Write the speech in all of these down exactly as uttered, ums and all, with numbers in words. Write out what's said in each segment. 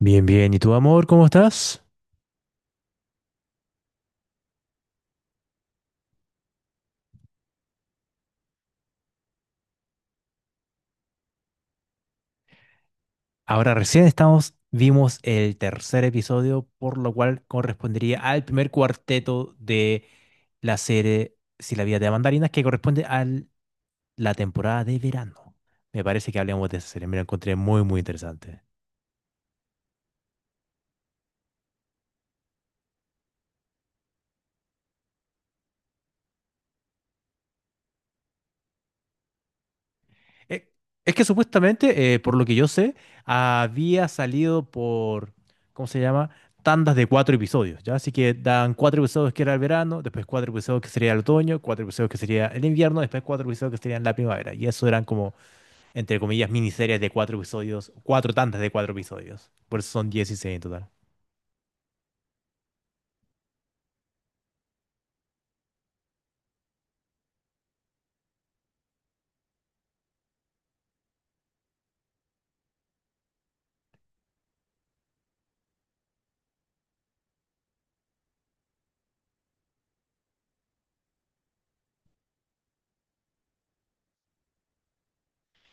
Bien, bien. ¿Y tú, amor, cómo estás? Ahora recién estamos, vimos el tercer episodio, por lo cual correspondería al primer cuarteto de la serie Si la vida te da mandarinas, que corresponde a la temporada de verano. Me parece que hablemos de esa serie. Me la encontré muy, muy interesante. Eh, Es que supuestamente, eh, por lo que yo sé, había salido por, ¿cómo se llama? Tandas de cuatro episodios, ¿ya? Así que dan cuatro episodios que era el verano, después cuatro episodios que sería el otoño, cuatro episodios que sería el invierno, después cuatro episodios que serían la primavera. Y eso eran como, entre comillas, miniseries de cuatro episodios, cuatro tandas de cuatro episodios. Por eso son dieciséis en total.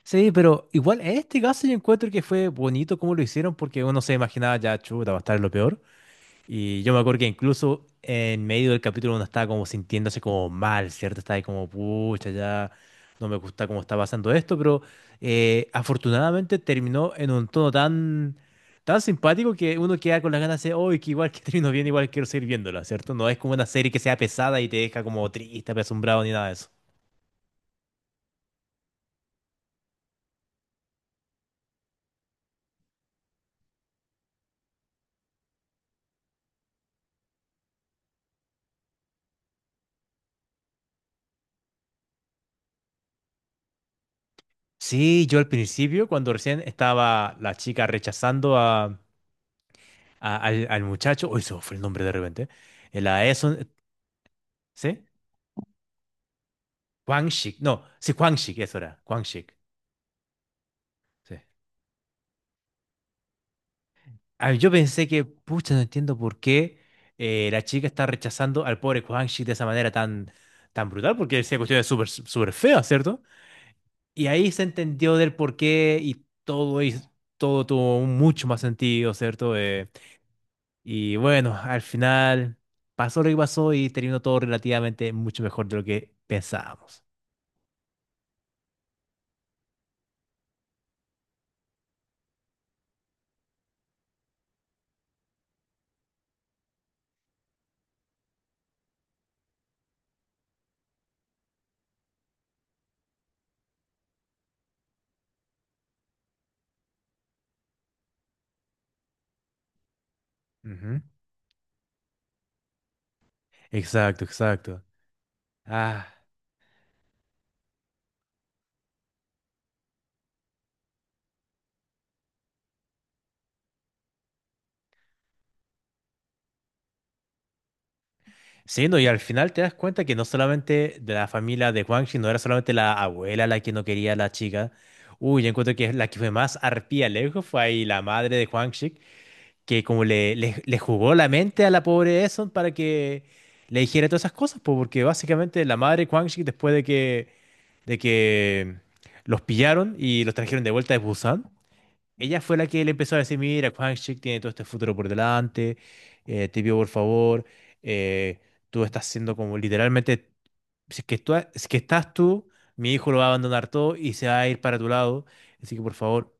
Sí, pero igual en este caso yo encuentro que fue bonito como lo hicieron porque uno se imaginaba ya, chuta, va a estar lo peor. Y yo me acuerdo que incluso en medio del capítulo uno estaba como sintiéndose como mal, ¿cierto? Estaba ahí como, pucha, ya no me gusta cómo está pasando esto, pero eh, afortunadamente terminó en un tono tan, tan simpático que uno queda con las ganas de, oh, que igual que terminó bien, igual quiero seguir viéndola, ¿cierto? No es como una serie que sea pesada y te deja como triste, apesumbrado ni nada de eso. Sí, yo al principio, cuando recién estaba la chica rechazando a, a- al, al muchacho, uy, se me fue el nombre de repente, eh, la Eson, ¿sí? Quanshik, no, sí, Quanshik, eso era, Quanshik. Sí. Ah, yo pensé que, pucha, no entiendo por qué eh, la chica está rechazando al pobre Quanshik de esa manera tan, tan brutal, porque esa cuestión es súper, súper fea, ¿cierto? Y ahí se entendió del por qué y todo, hiz- todo tuvo un mucho más sentido, ¿cierto? Eh, y bueno, al final pasó lo que pasó y terminó todo relativamente mucho mejor de lo que pensábamos. Ujú. Exacto, exacto. Ah. Sí, no, y al final te das cuenta que no solamente de la familia de Huangxi, no era solamente la abuela la que no quería a la chica. Uy, yo encuentro que la que fue más arpía lejos fue ahí la madre de Huangxi, que como le, le, le jugó la mente a la pobre Eson para que le dijera todas esas cosas, po, porque básicamente la madre de Huangxi, después de que, de que los pillaron y los trajeron de vuelta de Busan, ella fue la que le empezó a decir, mira, Kwangchuk tiene todo este futuro por delante, eh, te pido por favor, eh, tú estás siendo como literalmente, si es que tú, si es que estás tú, mi hijo lo va a abandonar todo y se va a ir para tu lado, así que por favor,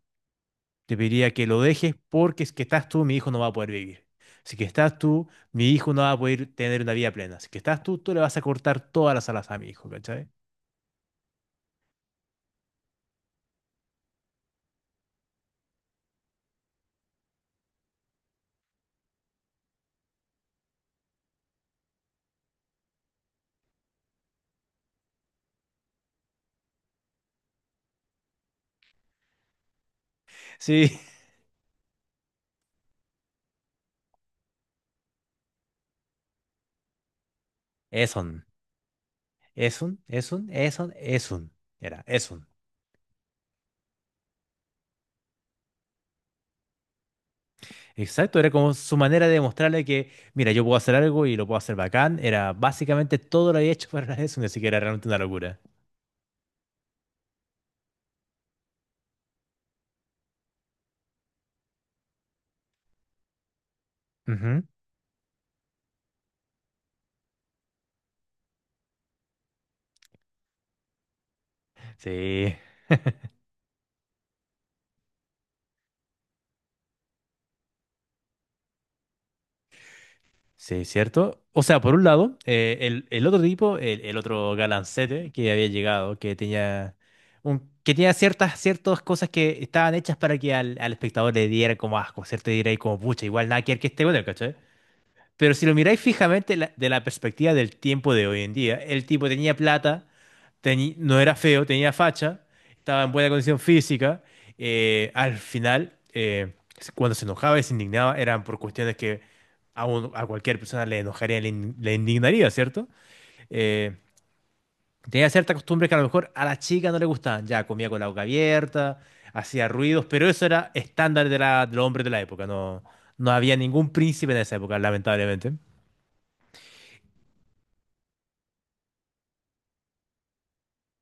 te pediría que lo dejes porque si es que estás tú, mi hijo no va a poder vivir. Si es que estás tú, mi hijo no va a poder tener una vida plena. Si es que estás tú, tú le vas a cortar todas las alas a mi hijo, ¿cachai? Sí, Eson, Eson, Eson, Eson, Eson, era Eson. Exacto, era como su manera de demostrarle que, mira, yo puedo hacer algo y lo puedo hacer bacán. Era básicamente todo lo había hecho para eso, ni siquiera era realmente una locura. Ujú. Sí, sí, cierto. O sea, por un lado, eh, el, el otro tipo, el, el otro galancete que había llegado, que tenía un, que tenía ciertas, ciertas cosas que estaban hechas para que al, al espectador le diera como asco, ¿cierto? Y diréis como, pucha, igual nada que ver que este bueno, ¿cachai? Pero si lo miráis fijamente la- de la perspectiva del tiempo de hoy en día, el tipo tenía plata, teni- no era feo, tenía facha, estaba en buena condición física. eh, al final, eh, cuando se enojaba y se indignaba, eran por cuestiones que a, un- a cualquier persona le enojaría, le, in- le indignaría, ¿cierto? Eh, tenía ciertas costumbres que a lo mejor a la chica no le gustaban. Ya comía con la boca abierta, hacía ruidos, pero eso era estándar de la, del hombre de la época. No, no había ningún príncipe en esa época, lamentablemente.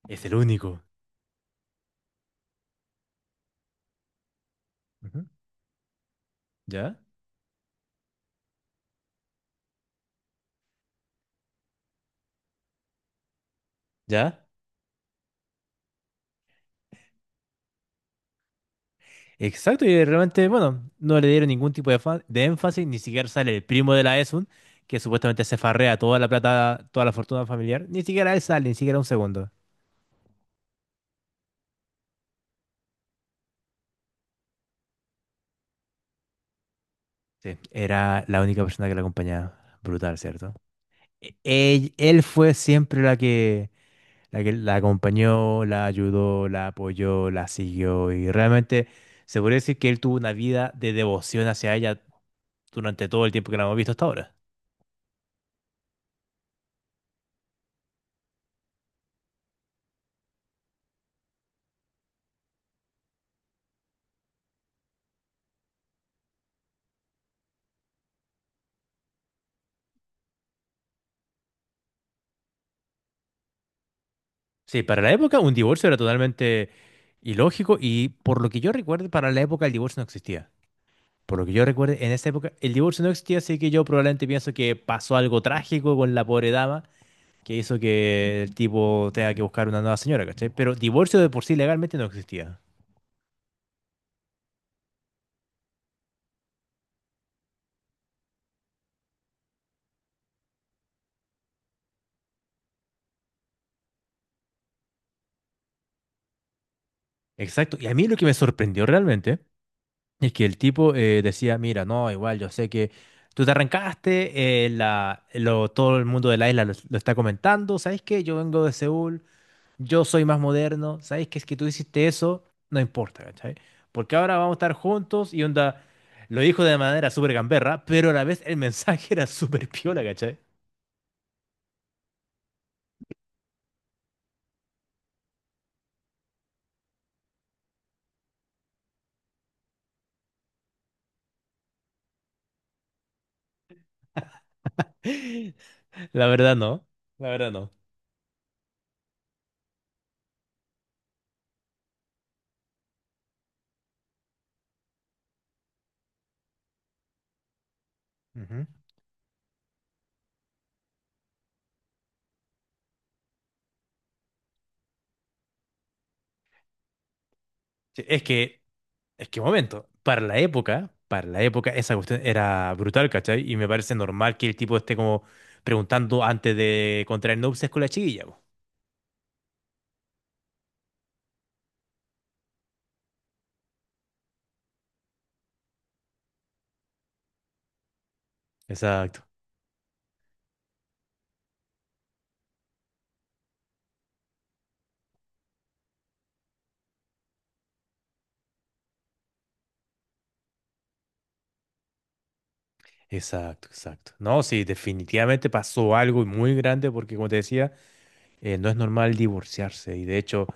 Es el único. Ujú. ¿Ya? ¿Ya? Exacto, y realmente, bueno, no le dieron ningún tipo de, fa- de énfasis, ni siquiera sale el primo de la Esun, que supuestamente se farrea toda la plata, toda la fortuna familiar, ni siquiera él sale, ni siquiera un segundo. Sí, era la única persona que la acompañaba. Brutal, ¿cierto? E- ell- él fue siempre la que la que la acompañó, la ayudó, la apoyó, la siguió y realmente se podría decir que él tuvo una vida de devoción hacia ella durante todo el tiempo que la hemos visto hasta ahora. Sí, para la época un divorcio era totalmente ilógico y por lo que yo recuerdo, para la época el divorcio no existía. Por lo que yo recuerdo, en esa época el divorcio no existía, así que yo probablemente pienso que pasó algo trágico con la pobre dama que hizo que el tipo tenga que buscar una nueva señora, ¿cachai? Pero divorcio de por sí legalmente no existía. Exacto. Y a mí lo que me sorprendió realmente es que el tipo eh, decía, mira, no, igual yo sé que tú te arrancaste, eh, la, lo- todo el mundo de la isla lo, lo está comentando, ¿sabes qué? Yo vengo de Seúl, yo soy más moderno, ¿sabes? Que es que tú hiciste eso, no importa, ¿cachai? Porque ahora vamos a estar juntos y onda, lo dijo de manera súper gamberra, pero a la vez el mensaje era súper piola, ¿cachai? La verdad no, la verdad no. Ujú. Sí, Es que, es que un momento, para la época, para la época esa cuestión era brutal, ¿cachai? Y me parece normal que el tipo esté como preguntando antes de contraer nupcias con la chiquilla, po. Exacto. Exacto, exacto. No, sí, definitivamente pasó algo muy grande porque, como te decía, eh, no es normal divorciarse. Y de hecho,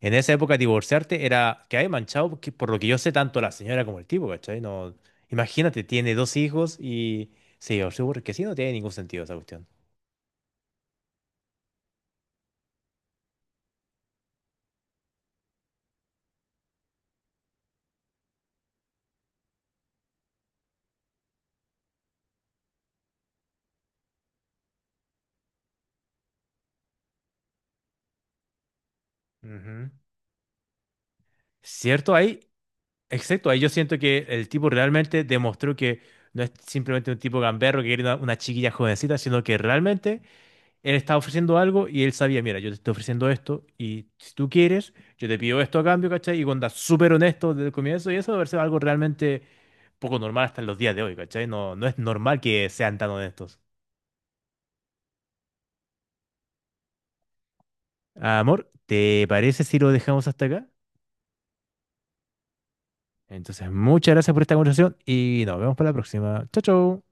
en esa época divorciarte era que hay manchado, porque, por lo que yo sé, tanto la señora como el tipo, ¿cachai? No, imagínate, tiene dos hijos y se divorció porque sí, no tiene ningún sentido esa cuestión. Ujú. Cierto, ahí, exacto, ahí yo siento que el tipo realmente demostró que no es simplemente un tipo gamberro que quiere una, una chiquilla jovencita, sino que realmente él estaba ofreciendo algo y él sabía, mira, yo te estoy ofreciendo esto y si tú quieres, yo te pido esto a cambio, ¿cachai? Y cuando está súper honesto desde el comienzo y eso debe ser algo realmente poco normal hasta en los días de hoy, ¿cachai? No, no es normal que sean tan honestos. Amor, ¿te parece si lo dejamos hasta acá? Entonces, muchas gracias por esta conversación y nos vemos para la próxima. Chao, chao.